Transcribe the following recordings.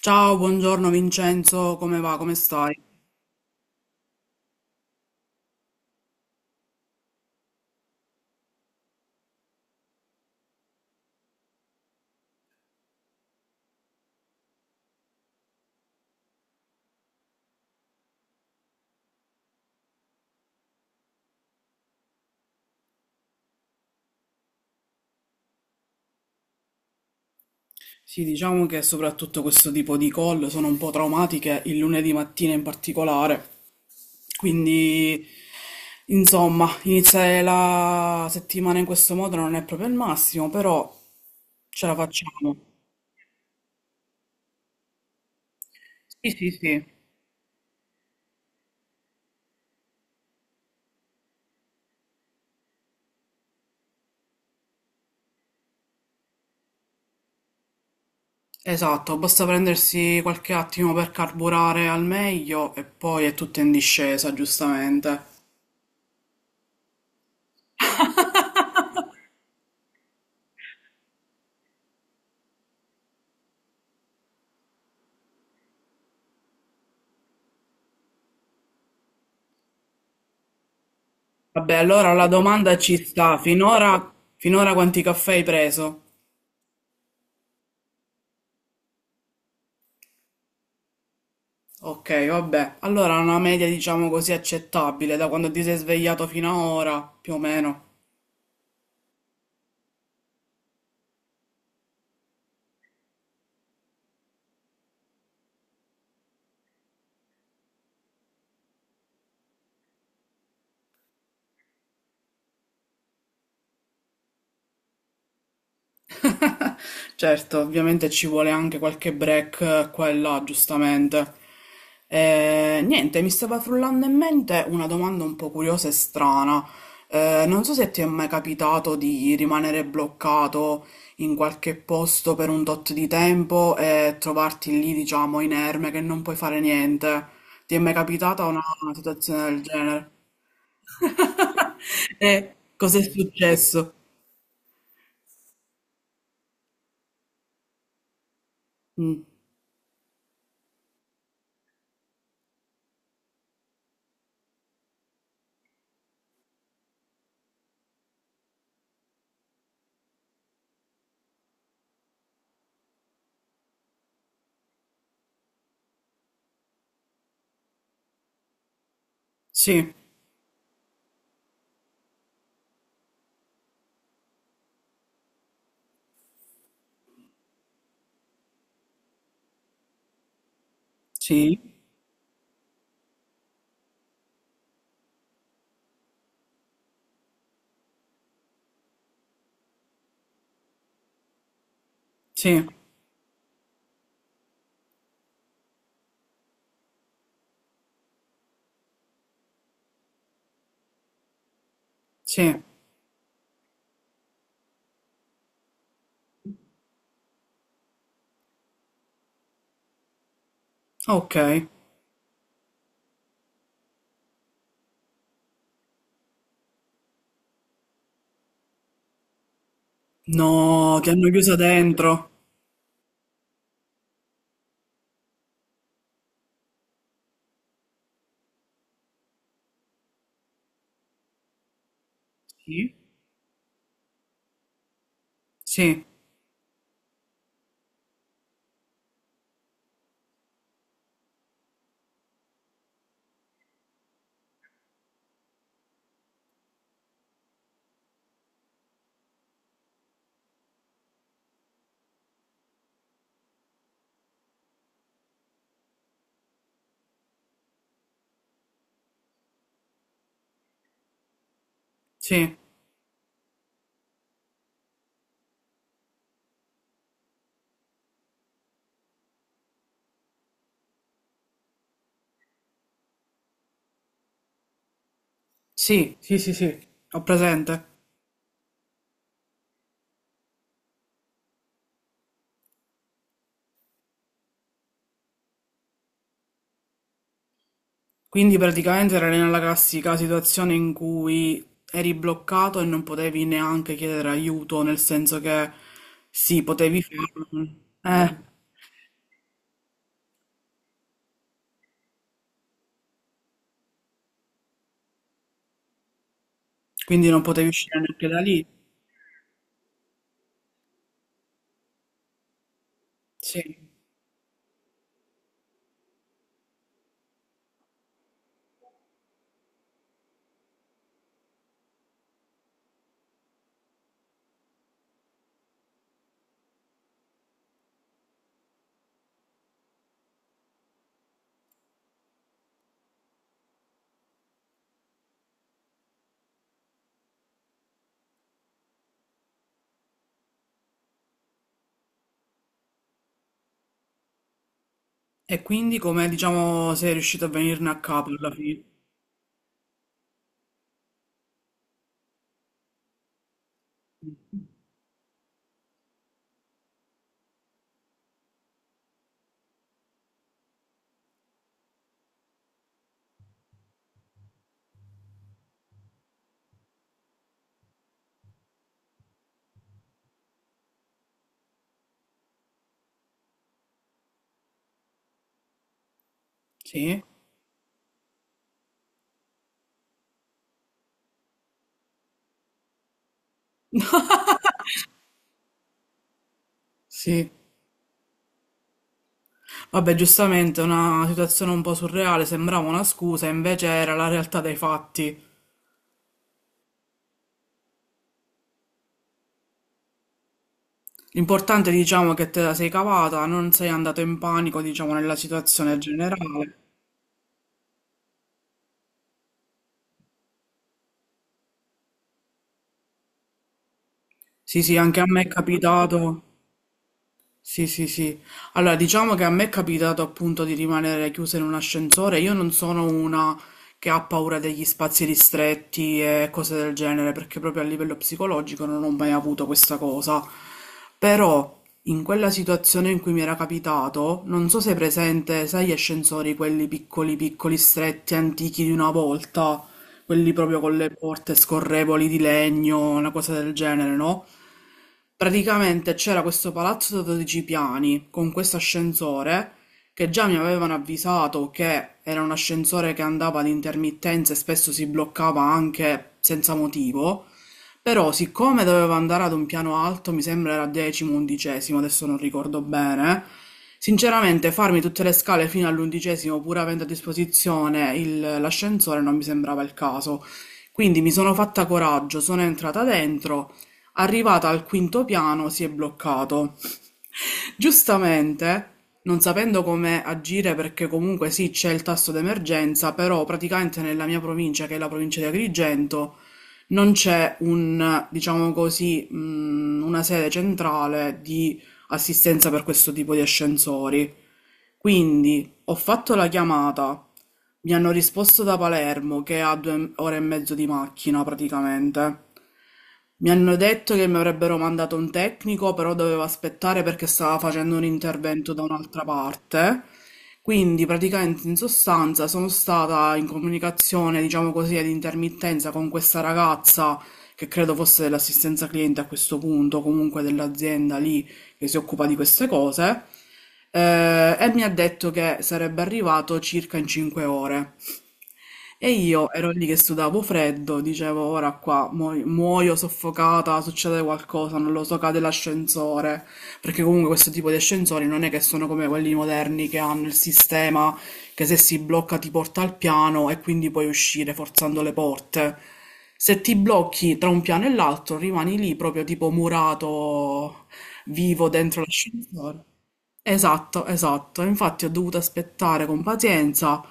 Ciao, buongiorno Vincenzo, come va? Come stai? Sì, diciamo che soprattutto questo tipo di call sono un po' traumatiche, il lunedì mattina in particolare. Quindi, insomma, iniziare la settimana in questo modo non è proprio il massimo, però ce la facciamo. Sì, sì, sì. Esatto, basta prendersi qualche attimo per carburare al meglio e poi è tutto in discesa, giustamente. Vabbè, allora la domanda ci sta. Finora quanti caffè hai preso? Ok, vabbè. Allora una media diciamo così accettabile da quando ti sei svegliato fino a ora, più o meno. Certo, ovviamente ci vuole anche qualche break qua e là, giustamente. Niente, mi stava frullando in mente una domanda un po' curiosa e strana. Non so se ti è mai capitato di rimanere bloccato in qualche posto per un tot di tempo e trovarti lì, diciamo, inerme, che non puoi fare niente. Ti è mai capitata una situazione del genere? E cos'è successo? Mm, sì, sì, sì. Sì, okay. No, ti hanno chiuso dentro. Sì? Sì, sì, sì, sì, sì, sì, ho presente. Quindi praticamente era nella classica situazione in cui eri bloccato e non potevi neanche chiedere aiuto, nel senso che sì, potevi farlo. Eh, quindi non potevi uscire neanche da lì. Sì. E quindi come, diciamo, sei riuscito a venirne a capo alla fine? Sì? Sì. Vabbè, giustamente una situazione un po' surreale, sembrava una scusa, invece era la realtà dei fatti. L'importante, diciamo, è che te la sei cavata, non sei andato in panico, diciamo, nella situazione generale. Sì, sì, anche a me è capitato. Sì, sì, sì. Allora, diciamo che a me è capitato appunto di rimanere chiusa in un ascensore. Io non sono una che ha paura degli spazi ristretti e cose del genere, perché proprio a livello psicologico non ho mai avuto questa cosa. Però, in quella situazione in cui mi era capitato, non so se è presente, sai, gli ascensori, quelli piccoli, piccoli, stretti, antichi di una volta, quelli proprio con le porte scorrevoli di legno, una cosa del genere, no? Praticamente c'era questo palazzo da 12 piani con questo ascensore che già mi avevano avvisato che era un ascensore che andava ad intermittenza e spesso si bloccava anche senza motivo. Però, siccome dovevo andare ad un piano alto, mi sembra era 10º, 11º, adesso non ricordo bene. Sinceramente, farmi tutte le scale fino all'11º, pur avendo a disposizione l'ascensore, non mi sembrava il caso. Quindi mi sono fatta coraggio, sono entrata dentro, arrivata al quinto piano si è bloccato. Giustamente, non sapendo come agire perché comunque sì, c'è il tasto d'emergenza, però praticamente nella mia provincia, che è la provincia di Agrigento, non c'è un, diciamo così, una sede centrale di assistenza per questo tipo di ascensori. Quindi ho fatto la chiamata, mi hanno risposto da Palermo, che è a 2 ore e mezzo di macchina praticamente. Mi hanno detto che mi avrebbero mandato un tecnico, però dovevo aspettare perché stava facendo un intervento da un'altra parte. Quindi praticamente in sostanza sono stata in comunicazione, diciamo così, ad intermittenza con questa ragazza che credo fosse dell'assistenza cliente a questo punto, comunque dell'azienda lì che si occupa di queste cose, e mi ha detto che sarebbe arrivato circa in 5 ore. E io ero lì che sudavo freddo, dicevo ora qua muoio soffocata, succede qualcosa, non lo so, cade l'ascensore, perché comunque questo tipo di ascensori non è che sono come quelli moderni che hanno il sistema che se si blocca ti porta al piano e quindi puoi uscire forzando le porte. Se ti blocchi tra un piano e l'altro rimani lì proprio tipo murato vivo dentro l'ascensore. Esatto, esatto. Infatti ho dovuto aspettare con pazienza.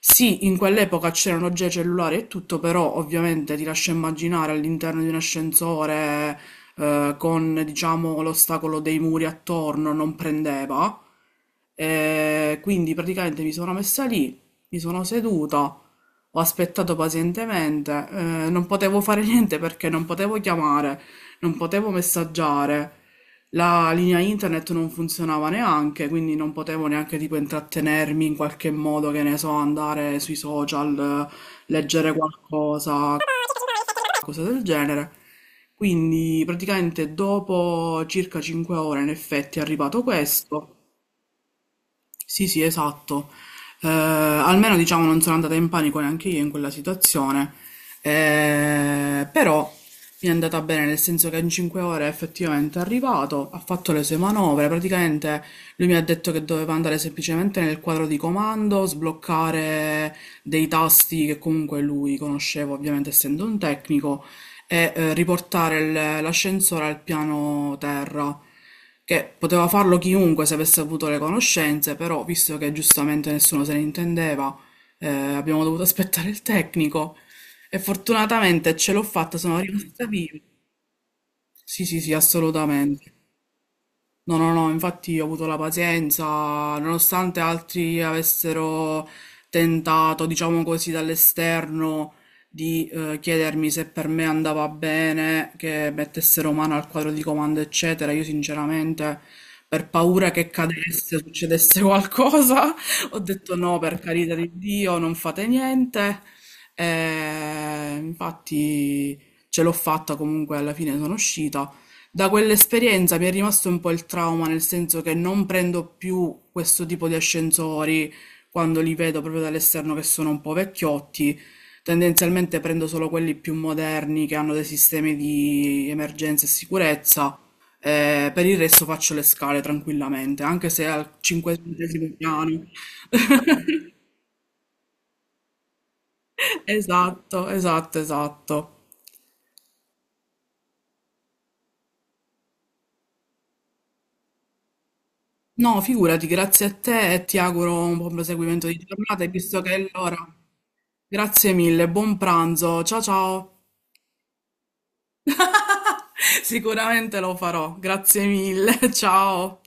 Sì, in quell'epoca c'erano già i cellulari e tutto, però ovviamente ti lascio immaginare all'interno di un ascensore con, diciamo, l'ostacolo dei muri attorno non prendeva. E quindi praticamente mi sono messa lì, mi sono seduta, ho aspettato pazientemente, non potevo fare niente perché non potevo chiamare, non potevo messaggiare. La linea internet non funzionava neanche, quindi non potevo neanche tipo intrattenermi in qualche modo, che ne so, andare sui social, leggere qualcosa, cose del genere. Quindi praticamente dopo circa 5 ore in effetti è arrivato questo. Sì, sì, esatto. Almeno diciamo non sono andata in panico neanche io in quella situazione. Però mi è andata bene nel senso che in 5 ore è effettivamente arrivato, ha fatto le sue manovre, praticamente lui mi ha detto che doveva andare semplicemente nel quadro di comando, sbloccare dei tasti che comunque lui conosceva ovviamente essendo un tecnico e riportare l'ascensore al piano terra, che poteva farlo chiunque se avesse avuto le conoscenze, però visto che giustamente nessuno se ne intendeva, abbiamo dovuto aspettare il tecnico e fortunatamente ce l'ho fatta, sono rimasta viva. Sì, sì, sì, assolutamente. No, no, no, infatti ho avuto la pazienza, nonostante altri avessero tentato, diciamo così, dall'esterno di chiedermi se per me andava bene, che mettessero mano al quadro di comando, eccetera, io sinceramente, per paura che cadesse, succedesse qualcosa, ho detto no, per carità di Dio, non fate niente. E infatti ce l'ho fatta comunque, alla fine sono uscita. Da quell'esperienza mi è rimasto un po' il trauma, nel senso che non prendo più questo tipo di ascensori quando li vedo proprio dall'esterno che sono un po' vecchiotti. Tendenzialmente prendo solo quelli più moderni che hanno dei sistemi di emergenza e sicurezza. Per il resto faccio le scale tranquillamente, anche se al 500º piano. Esatto, esatto, esatto. No, figurati, grazie a te e ti auguro un buon proseguimento di giornata, e visto che è l'ora. Grazie mille, buon pranzo. Ciao ciao. Sicuramente lo farò. Grazie mille. Ciao.